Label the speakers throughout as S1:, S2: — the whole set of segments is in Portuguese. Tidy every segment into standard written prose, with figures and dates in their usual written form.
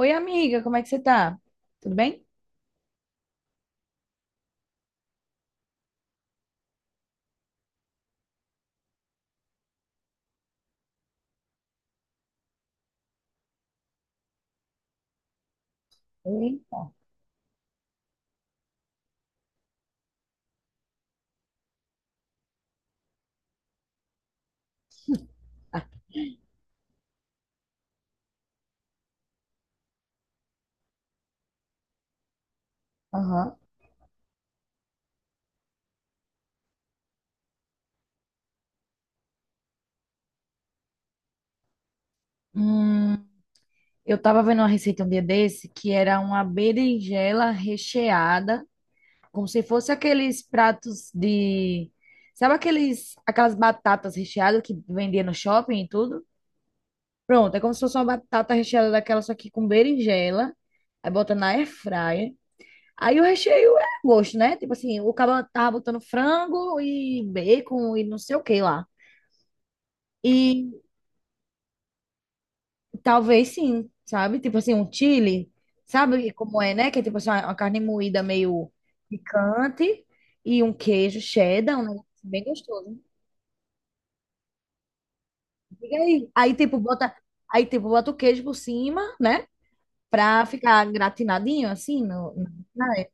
S1: Oi, amiga, como é que você tá? Tudo bem? Eita. Ah. Aham. Hum, eu tava vendo uma receita um dia desse que era uma berinjela recheada como se fosse aqueles pratos de, sabe aqueles, aquelas batatas recheadas que vendia no shopping e tudo? Pronto, é como se fosse uma batata recheada daquela, só que com berinjela, aí bota na air fryer. Aí o recheio é a gosto, né? Tipo assim, o cara tava botando frango e bacon e não sei o que lá. E talvez sim, sabe? Tipo assim, um chili, sabe como é, né? Que é tipo assim, uma carne moída meio picante e um queijo cheddar, um negócio bem gostoso. E aí? Aí, tipo, bota o queijo por cima, né? Pra ficar gratinadinho, assim, no, na- na-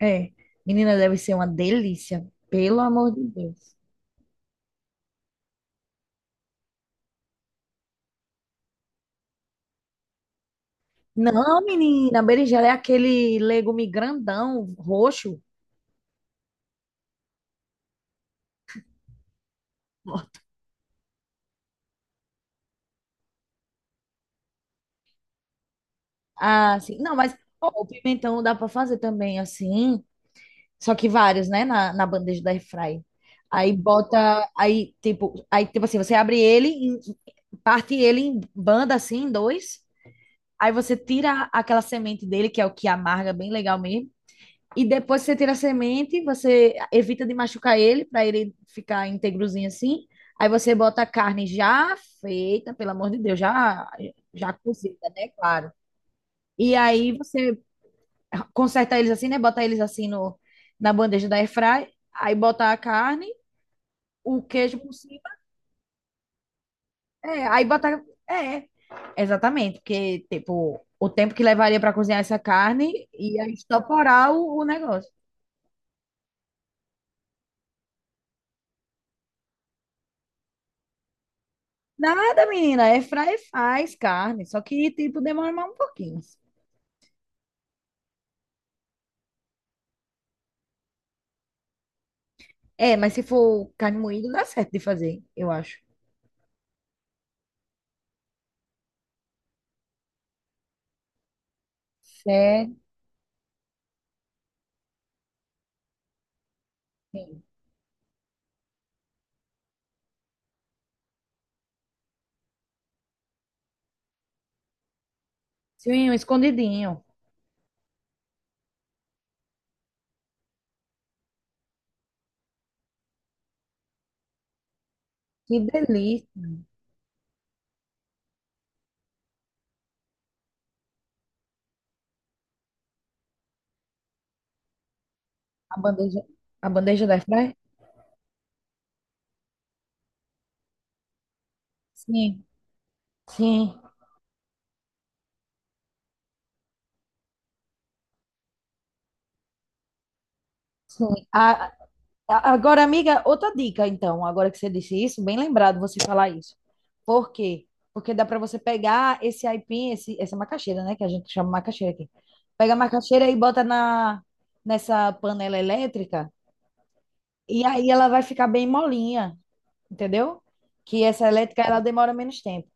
S1: é. Menina, deve ser uma delícia, pelo amor de Deus. Não, menina, berinjela é aquele legume grandão, roxo. Ah, sim. Não, mas ó, o pimentão dá pra fazer também assim, só que vários, né, na bandeja da airfry. Aí bota, aí tipo assim, você abre ele, parte ele em banda assim, em dois. Aí você tira aquela semente dele, que é o que amarga bem legal mesmo. E depois que você tira a semente, você evita de machucar ele, para ele ficar íntegrozinho assim. Aí você bota a carne já feita, pelo amor de Deus, já, já cozida, né? Claro. E aí você conserta eles assim, né? Bota eles assim no, na bandeja da airfry. Aí bota a carne, o queijo por cima. É, aí botar. É, exatamente, porque, tipo, o tempo que levaria para cozinhar essa carne ia estoporar o negócio. Nada, menina, é fry faz carne, só que, tipo, demora mais um pouquinho. É, mas se for carne moída, dá certo de fazer, eu acho. Certo. Sim, um escondidinho. Que delícia. A bandeja, a bandeja da airfryer? Sim, sim, sim. A, Agora, amiga, outra dica, então, agora que você disse isso, bem lembrado você falar isso. Por quê? Porque dá para você pegar esse aipim, esse, essa macaxeira, né? Que a gente chama macaxeira aqui. Pega a macaxeira e bota nessa panela elétrica, e aí ela vai ficar bem molinha, entendeu? Que essa elétrica, ela demora menos tempo.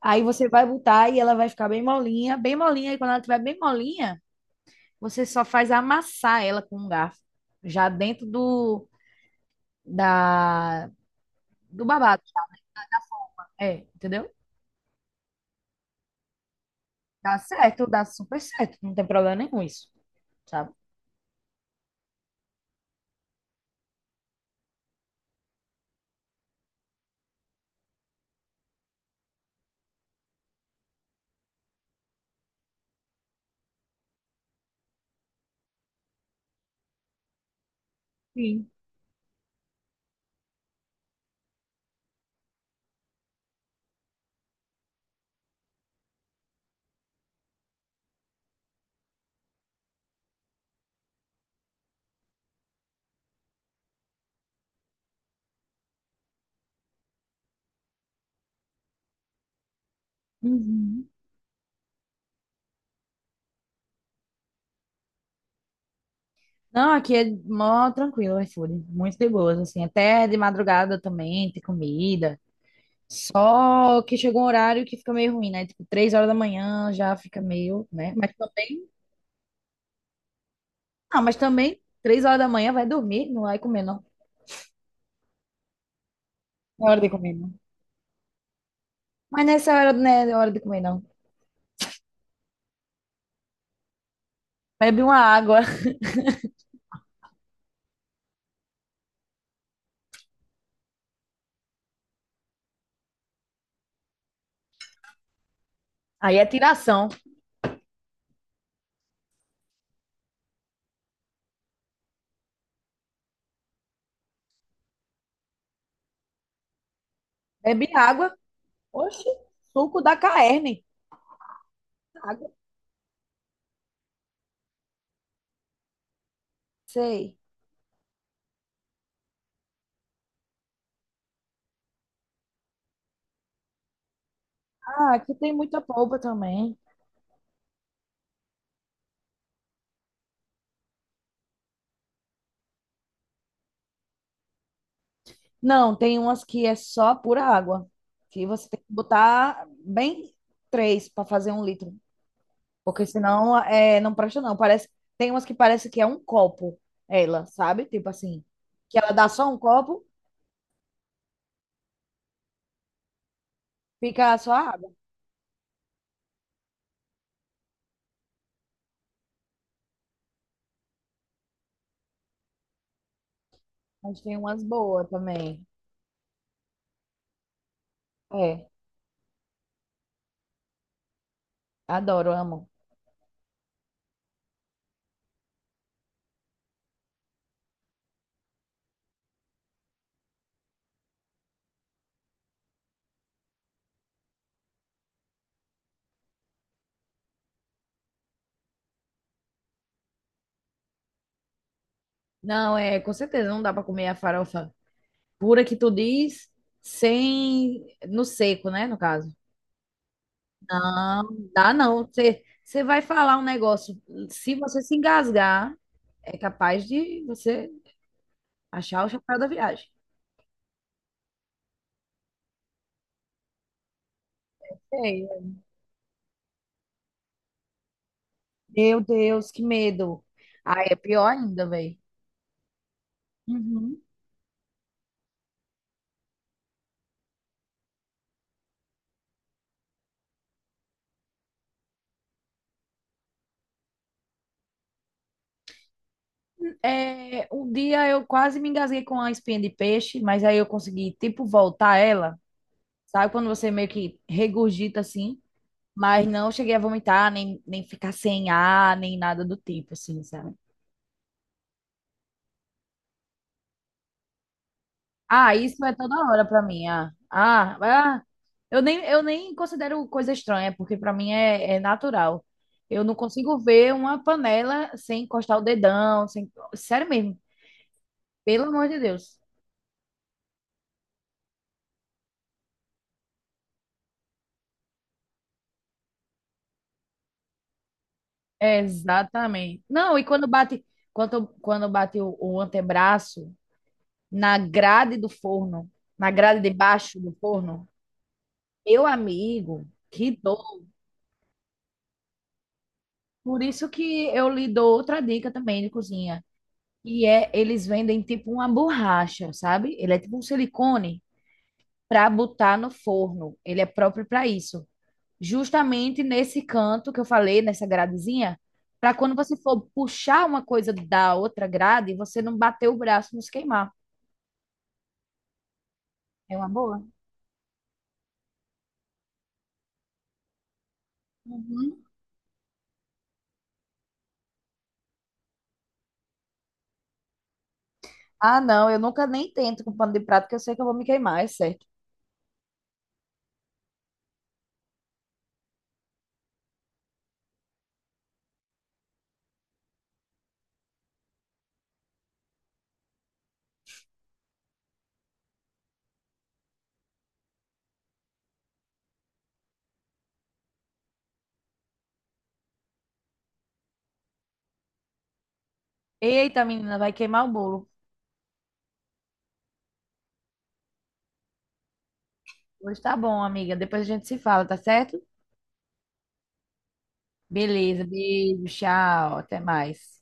S1: Aí você vai botar e ela vai ficar bem molinha, e quando ela estiver bem molinha, você só faz amassar ela com um garfo, já dentro da, do babado. É, entendeu? Dá certo, dá super certo, não tem problema nenhum isso, sabe? Sim. Uhum. Não, aqui é mó tranquilo o iFood, muito de boas, assim, até de madrugada também tem comida. Só que chegou um horário que fica meio ruim, né? Tipo, três horas da manhã já fica meio, né? Mas também, não, mas também três horas da manhã vai dormir, não vai comer não. Não é hora de comer não. Mas nessa hora não é hora de comer não. Bebe uma água. aí é tiração. Bebe água, oxe, suco da carne. Sei. Ah, aqui tem muita polpa também. Não, tem umas que é só pura água, que você tem que botar bem três para fazer um litro, porque senão é, não presta não. Parece, tem umas que parece que é um copo, ela, sabe? Tipo assim, que ela dá só um copo, fica só água. Mas tem umas boas também. É, adoro, amo. Não, é, com certeza não dá para comer a farofa pura que tu diz, sem, no seco, né, no caso. Não, dá não. Você, você vai falar um negócio. Se você se engasgar, é capaz de você achar o chapéu da viagem. Sei. Meu Deus, que medo. Ah, é pior ainda, velho. Uhum. É, um dia eu quase me engasguei com a espinha de peixe, mas aí eu consegui, tipo, voltar ela. Sabe quando você meio que regurgita assim? Mas não cheguei a vomitar, nem, nem ficar sem ar, nem nada do tipo, assim, sabe? Ah, isso é toda hora pra mim. Ah, ah, ah. Eu nem considero coisa estranha, porque pra mim é, é natural. Eu não consigo ver uma panela sem encostar o dedão, sem... Sério mesmo, pelo amor de Deus. É, exatamente. Não, e quando bate, quando bate o antebraço na grade do forno, na grade de baixo do forno, meu amigo, que dor. Por isso que eu lhe dou outra dica também de cozinha. E é, eles vendem tipo uma borracha, sabe? Ele é tipo um silicone para botar no forno. Ele é próprio para isso. Justamente nesse canto que eu falei, nessa gradezinha, para quando você for puxar uma coisa da outra grade, você não bater o braço e não se queimar. É uma boa. Uhum. Ah, não, eu nunca nem tento com pano de prato, que eu sei que eu vou me queimar, é certo. Eita, menina, vai queimar o bolo. Pois tá bom, amiga. Depois a gente se fala, tá certo? Beleza, beijo, tchau, até mais.